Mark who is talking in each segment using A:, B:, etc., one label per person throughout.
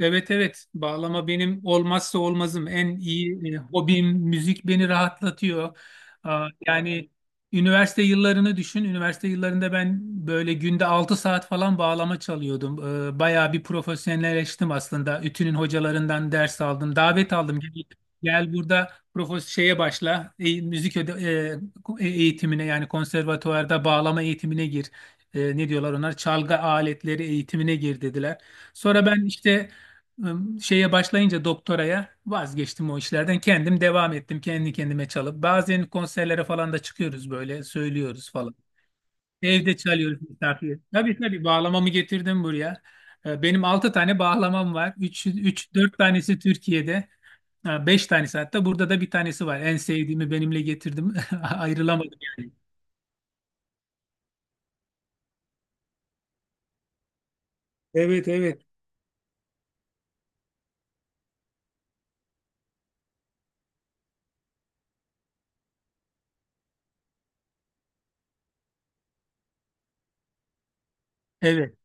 A: Evet evet, bağlama benim olmazsa olmazım, en iyi hobim müzik beni rahatlatıyor. Yani üniversite yıllarını düşün. Üniversite yıllarında ben böyle günde 6 saat falan bağlama çalıyordum. Bayağı bir profesyonelleştim aslında. Ütü'nün hocalarından ders aldım. Davet aldım. Gel, gel burada şeye başla. Müzik eğitimine, yani konservatuvarda bağlama eğitimine gir. Ne diyorlar onlar? Çalgı aletleri eğitimine gir dediler. Sonra ben işte şeye başlayınca doktoraya vazgeçtim o işlerden. Kendim devam ettim kendi kendime çalıp. Bazen konserlere falan da çıkıyoruz, böyle söylüyoruz falan. Evde çalıyoruz misafir. Tabii tabii, bağlamamı getirdim buraya. Benim 6 tane bağlamam var. Üç 4 tanesi Türkiye'de. Ha, 5 tanesi, hatta burada da bir tanesi var. En sevdiğimi benimle getirdim. Ayrılamadım yani. Evet evet. Evet.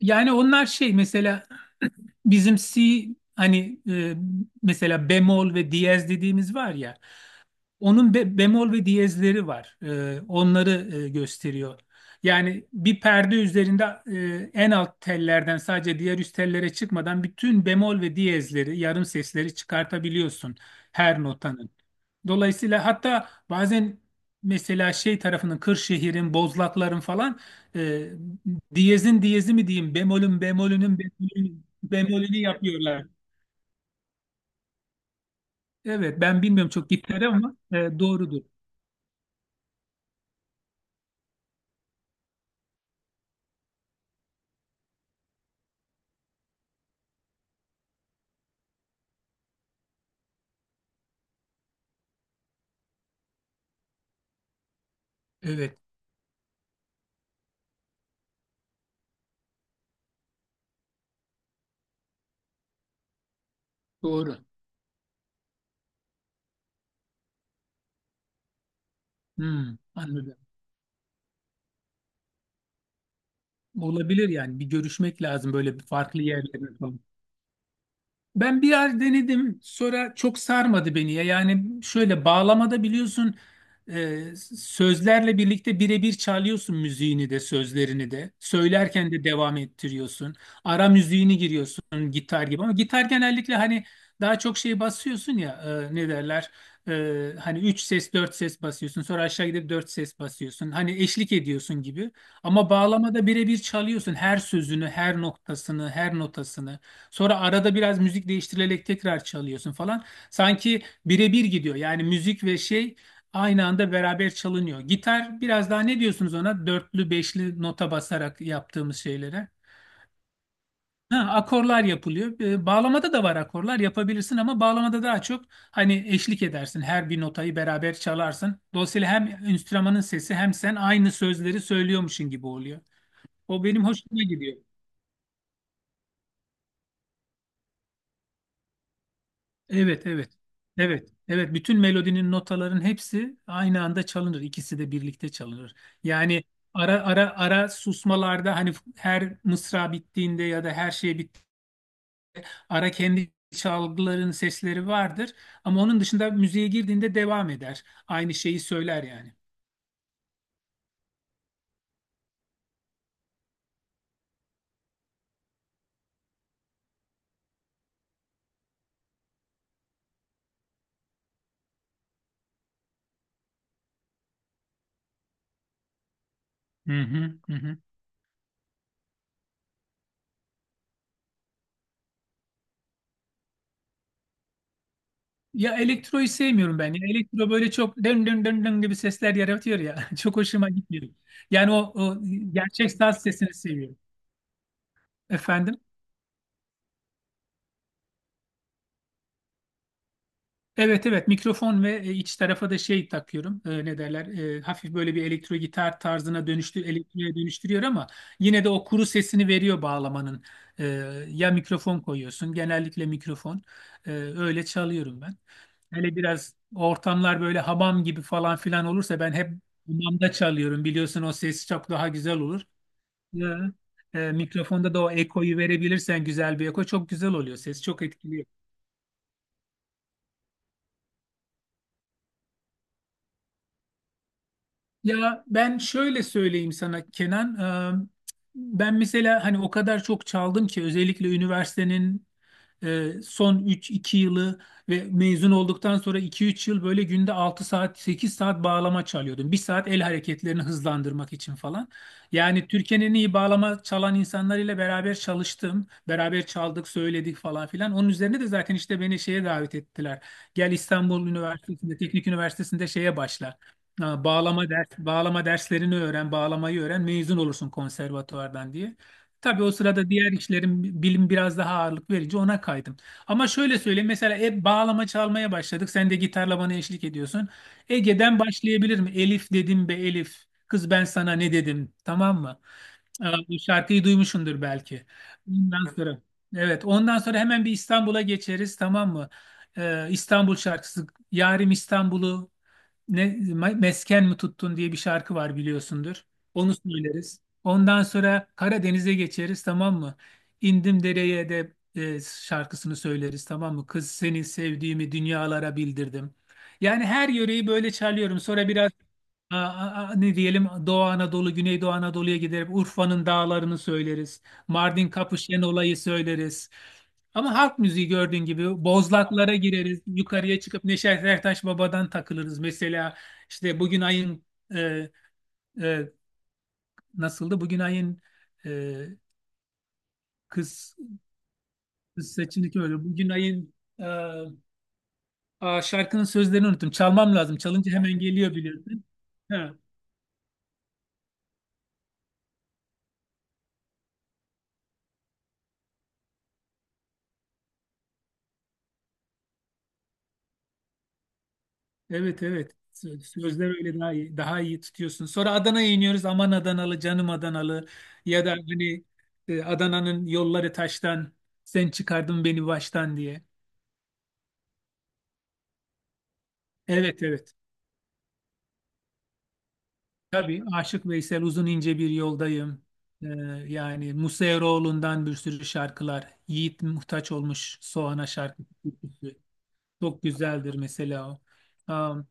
A: Yani onlar şey mesela bizim C, hani mesela bemol ve diyez dediğimiz var ya, onun bemol ve diyezleri var. Onları gösteriyor. Yani bir perde üzerinde en alt tellerden sadece diğer üst tellere çıkmadan bütün bemol ve diyezleri, yarım sesleri çıkartabiliyorsun her notanın. Dolayısıyla hatta bazen mesela şey tarafının, Kırşehir'in, Bozlakların falan, e, diyezin diyezi mi diyeyim, bemolün bemolünün bemolünün bemolünü yapıyorlar. Evet, ben bilmiyorum çok gitleri ama doğrudur. Evet, doğru. Hmm, anladım. Olabilir, yani bir görüşmek lazım böyle, bir farklı yerlerde. Ben bir yer denedim sonra çok sarmadı beni ya. Yani şöyle, bağlamada biliyorsun e, sözlerle birlikte birebir çalıyorsun, müziğini de sözlerini de. Söylerken de devam ettiriyorsun. Ara müziğini giriyorsun gitar gibi, ama gitar genellikle hani daha çok şey basıyorsun ya, ne derler? E, hani 3 ses, 4 ses basıyorsun, sonra aşağı gidip 4 ses basıyorsun. Hani eşlik ediyorsun gibi, ama bağlamada birebir çalıyorsun her sözünü, her noktasını, her notasını. Sonra arada biraz müzik değiştirilerek tekrar çalıyorsun falan. Sanki birebir gidiyor. Yani müzik ve şey aynı anda beraber çalınıyor. Gitar biraz daha, ne diyorsunuz ona? Dörtlü, beşli nota basarak yaptığımız şeylere. Ha, akorlar yapılıyor. Bağlamada da var, akorlar yapabilirsin ama bağlamada daha çok hani eşlik edersin. Her bir notayı beraber çalarsın. Dolayısıyla hem enstrümanın sesi hem sen aynı sözleri söylüyormuşsun gibi oluyor. O benim hoşuma gidiyor. Evet, evet. Evet, evet. Bütün melodinin, notaların hepsi aynı anda çalınır. İkisi de birlikte çalınır. Yani ara ara susmalarda, hani her mısra bittiğinde ya da her şey ara, kendi çalgıların sesleri vardır. Ama onun dışında müziğe girdiğinde devam eder. Aynı şeyi söyler yani. Hı hı, hı hı. Ya, elektroyu sevmiyorum ben. Ya elektro böyle çok dön dön dön dön gibi sesler yaratıyor ya. Çok hoşuma gitmiyor. Yani o gerçek saz sesini seviyorum. Efendim? Evet evet, mikrofon ve iç tarafa da şey takıyorum. Ne derler? Hafif böyle, bir elektro gitar tarzına elektriğe dönüştürüyor, ama yine de o kuru sesini veriyor bağlamanın. E, ya mikrofon koyuyorsun, genellikle mikrofon. Öyle çalıyorum ben. Hele biraz ortamlar böyle hamam gibi falan filan olursa, ben hep hamamda çalıyorum biliyorsun, o ses çok daha güzel olur. Mikrofonda da o ekoyu verebilirsen, güzel bir eko çok güzel oluyor, ses çok etkili. Ya ben şöyle söyleyeyim sana, Kenan. Ee, Ben mesela hani o kadar çok çaldım ki, özellikle üniversitenin son 3-2 yılı ve mezun olduktan sonra iki üç yıl, böyle günde 6 saat, 8 saat bağlama çalıyordum. 1 saat el hareketlerini hızlandırmak için falan. Yani Türkiye'nin en iyi bağlama çalan insanlarıyla beraber çalıştım. Beraber çaldık, söyledik falan filan. Onun üzerine de zaten işte beni şeye davet ettiler. Gel İstanbul Üniversitesi'nde, Teknik Üniversitesi'nde şeye başla. Bağlama derslerini öğren, bağlamayı öğren, mezun olursun konservatuvardan diye. Tabii o sırada diğer işlerin bilim biraz daha ağırlık verici, ona kaydım. Ama şöyle söyleyeyim, mesela hep bağlama çalmaya başladık. Sen de gitarla bana eşlik ediyorsun. Ege'den başlayabilir mi? Elif dedim, be Elif. Kız, ben sana ne dedim? Tamam mı? Bu şarkıyı duymuşsundur belki. Ondan sonra, evet, ondan sonra hemen bir İstanbul'a geçeriz, tamam mı? İstanbul şarkısı, Yarim İstanbul'u ne mesken mi tuttun diye bir şarkı var, biliyorsundur. Onu söyleriz. Ondan sonra Karadeniz'e geçeriz, tamam mı? İndim dereye de şarkısını söyleriz, tamam mı? Kız, seni sevdiğimi dünyalara bildirdim. Yani her yöreyi böyle çalıyorum. Sonra biraz ne diyelim, Doğu Anadolu, Güneydoğu Anadolu'ya giderek Urfa'nın dağlarını söyleriz. Mardin Kapışen olayı söyleriz. Ama halk müziği, gördüğün gibi, bozlaklara gireriz. Yukarıya çıkıp Neşet Ertaş Baba'dan takılırız. Mesela işte, bugün ayın e, e, nasıldı? Bugün ayın e, kız, kız saçındaki öyle. Bugün ayın e, aa, şarkının sözlerini unuttum. Çalmam lazım. Çalınca hemen geliyor, biliyorsun. Ha, evet evet. Sözler öyle daha iyi, daha iyi tutuyorsun. Sonra Adana'ya iniyoruz. Aman Adanalı, canım Adanalı. Ya da hani Adana'nın yolları taştan, sen çıkardın beni baştan diye. Evet evet. Tabii Aşık Veysel, uzun ince bir yoldayım. Ee, yani Musa Eroğlu'ndan bir sürü şarkılar. Yiğit Muhtaç olmuş Soğan'a şarkı. Çok güzeldir mesela o. Um,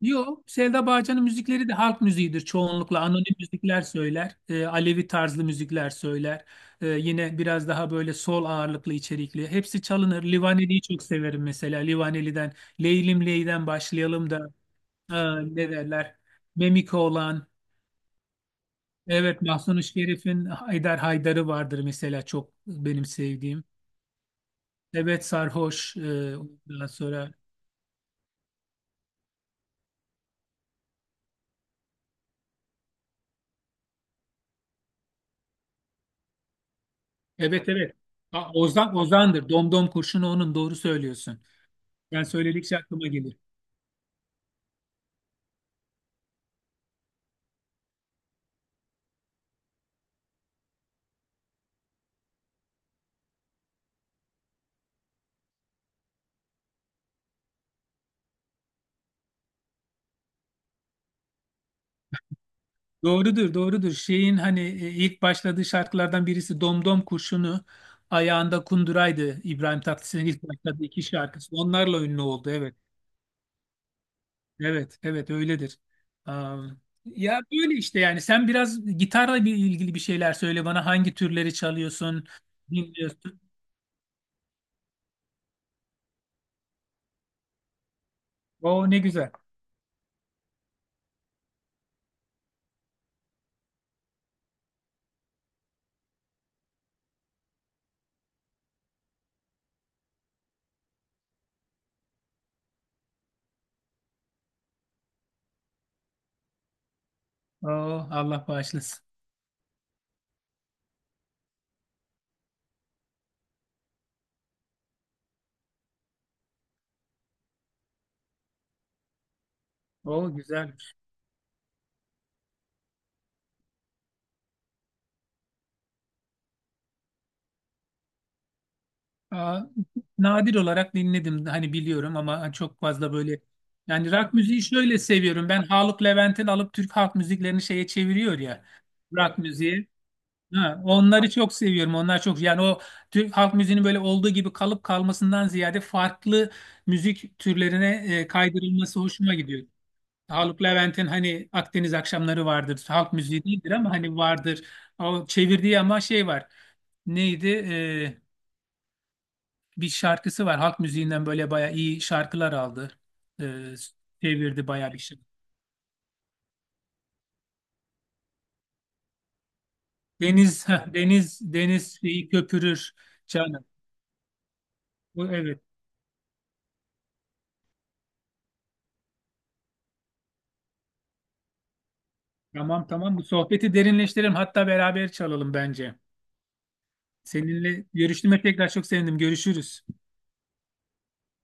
A: yo, Selda Bağcan'ın müzikleri de halk müziğidir çoğunlukla. Anonim müzikler söyler. Alevi tarzlı müzikler söyler. Yine biraz daha böyle sol ağırlıklı, içerikli. Hepsi çalınır. Livaneli'yi çok severim mesela. Livaneli'den Leylim Ley'den başlayalım da, e, ne derler? Memiko olan. Evet, Mahzun-ı Şerif'in Haydar Haydar'ı vardır mesela, çok benim sevdiğim. Evet, Sarhoş ondan sonra. Evet evet. Aa, Ozan, Ozan'dır. Domdom kurşunu onun, doğru söylüyorsun. Ben söyledikçe aklıma gelir. Doğrudur, doğrudur. Şeyin, hani ilk başladığı şarkılardan birisi Domdom kurşunu, ayağında kunduraydı İbrahim Tatlıses'in ilk başladığı iki şarkısı. Onlarla ünlü oldu, evet. Evet, evet öyledir. Ya böyle işte, yani sen biraz gitarla bir ilgili bir şeyler söyle bana, hangi türleri çalıyorsun, dinliyorsun. O ne güzel. Oo, Allah bağışlasın. O güzelmiş. Aa, nadir olarak dinledim, hani biliyorum ama çok fazla böyle yani, rock müziği şöyle seviyorum. Ben Haluk Levent'in alıp Türk halk müziklerini şeye çeviriyor ya, rock müziğe. Ha, Onları çok seviyorum. Onlar çok, yani o Türk halk müziğinin böyle olduğu gibi kalıp kalmasından ziyade farklı müzik türlerine kaydırılması hoşuma gidiyor. Haluk Levent'in, hani, Akdeniz akşamları vardır. Halk müziği değildir ama hani vardır. O çevirdiği, ama şey var. Neydi? Bir şarkısı var. Halk müziğinden böyle bayağı iyi şarkılar aldı. E, çevirdi bayağı bir şey. Deniz, deniz, deniz şeyi köpürür canım. Bu, evet. Tamam tamam, bu sohbeti derinleştirelim, hatta beraber çalalım bence. Seninle görüştüğüme tekrar çok sevindim. Görüşürüz.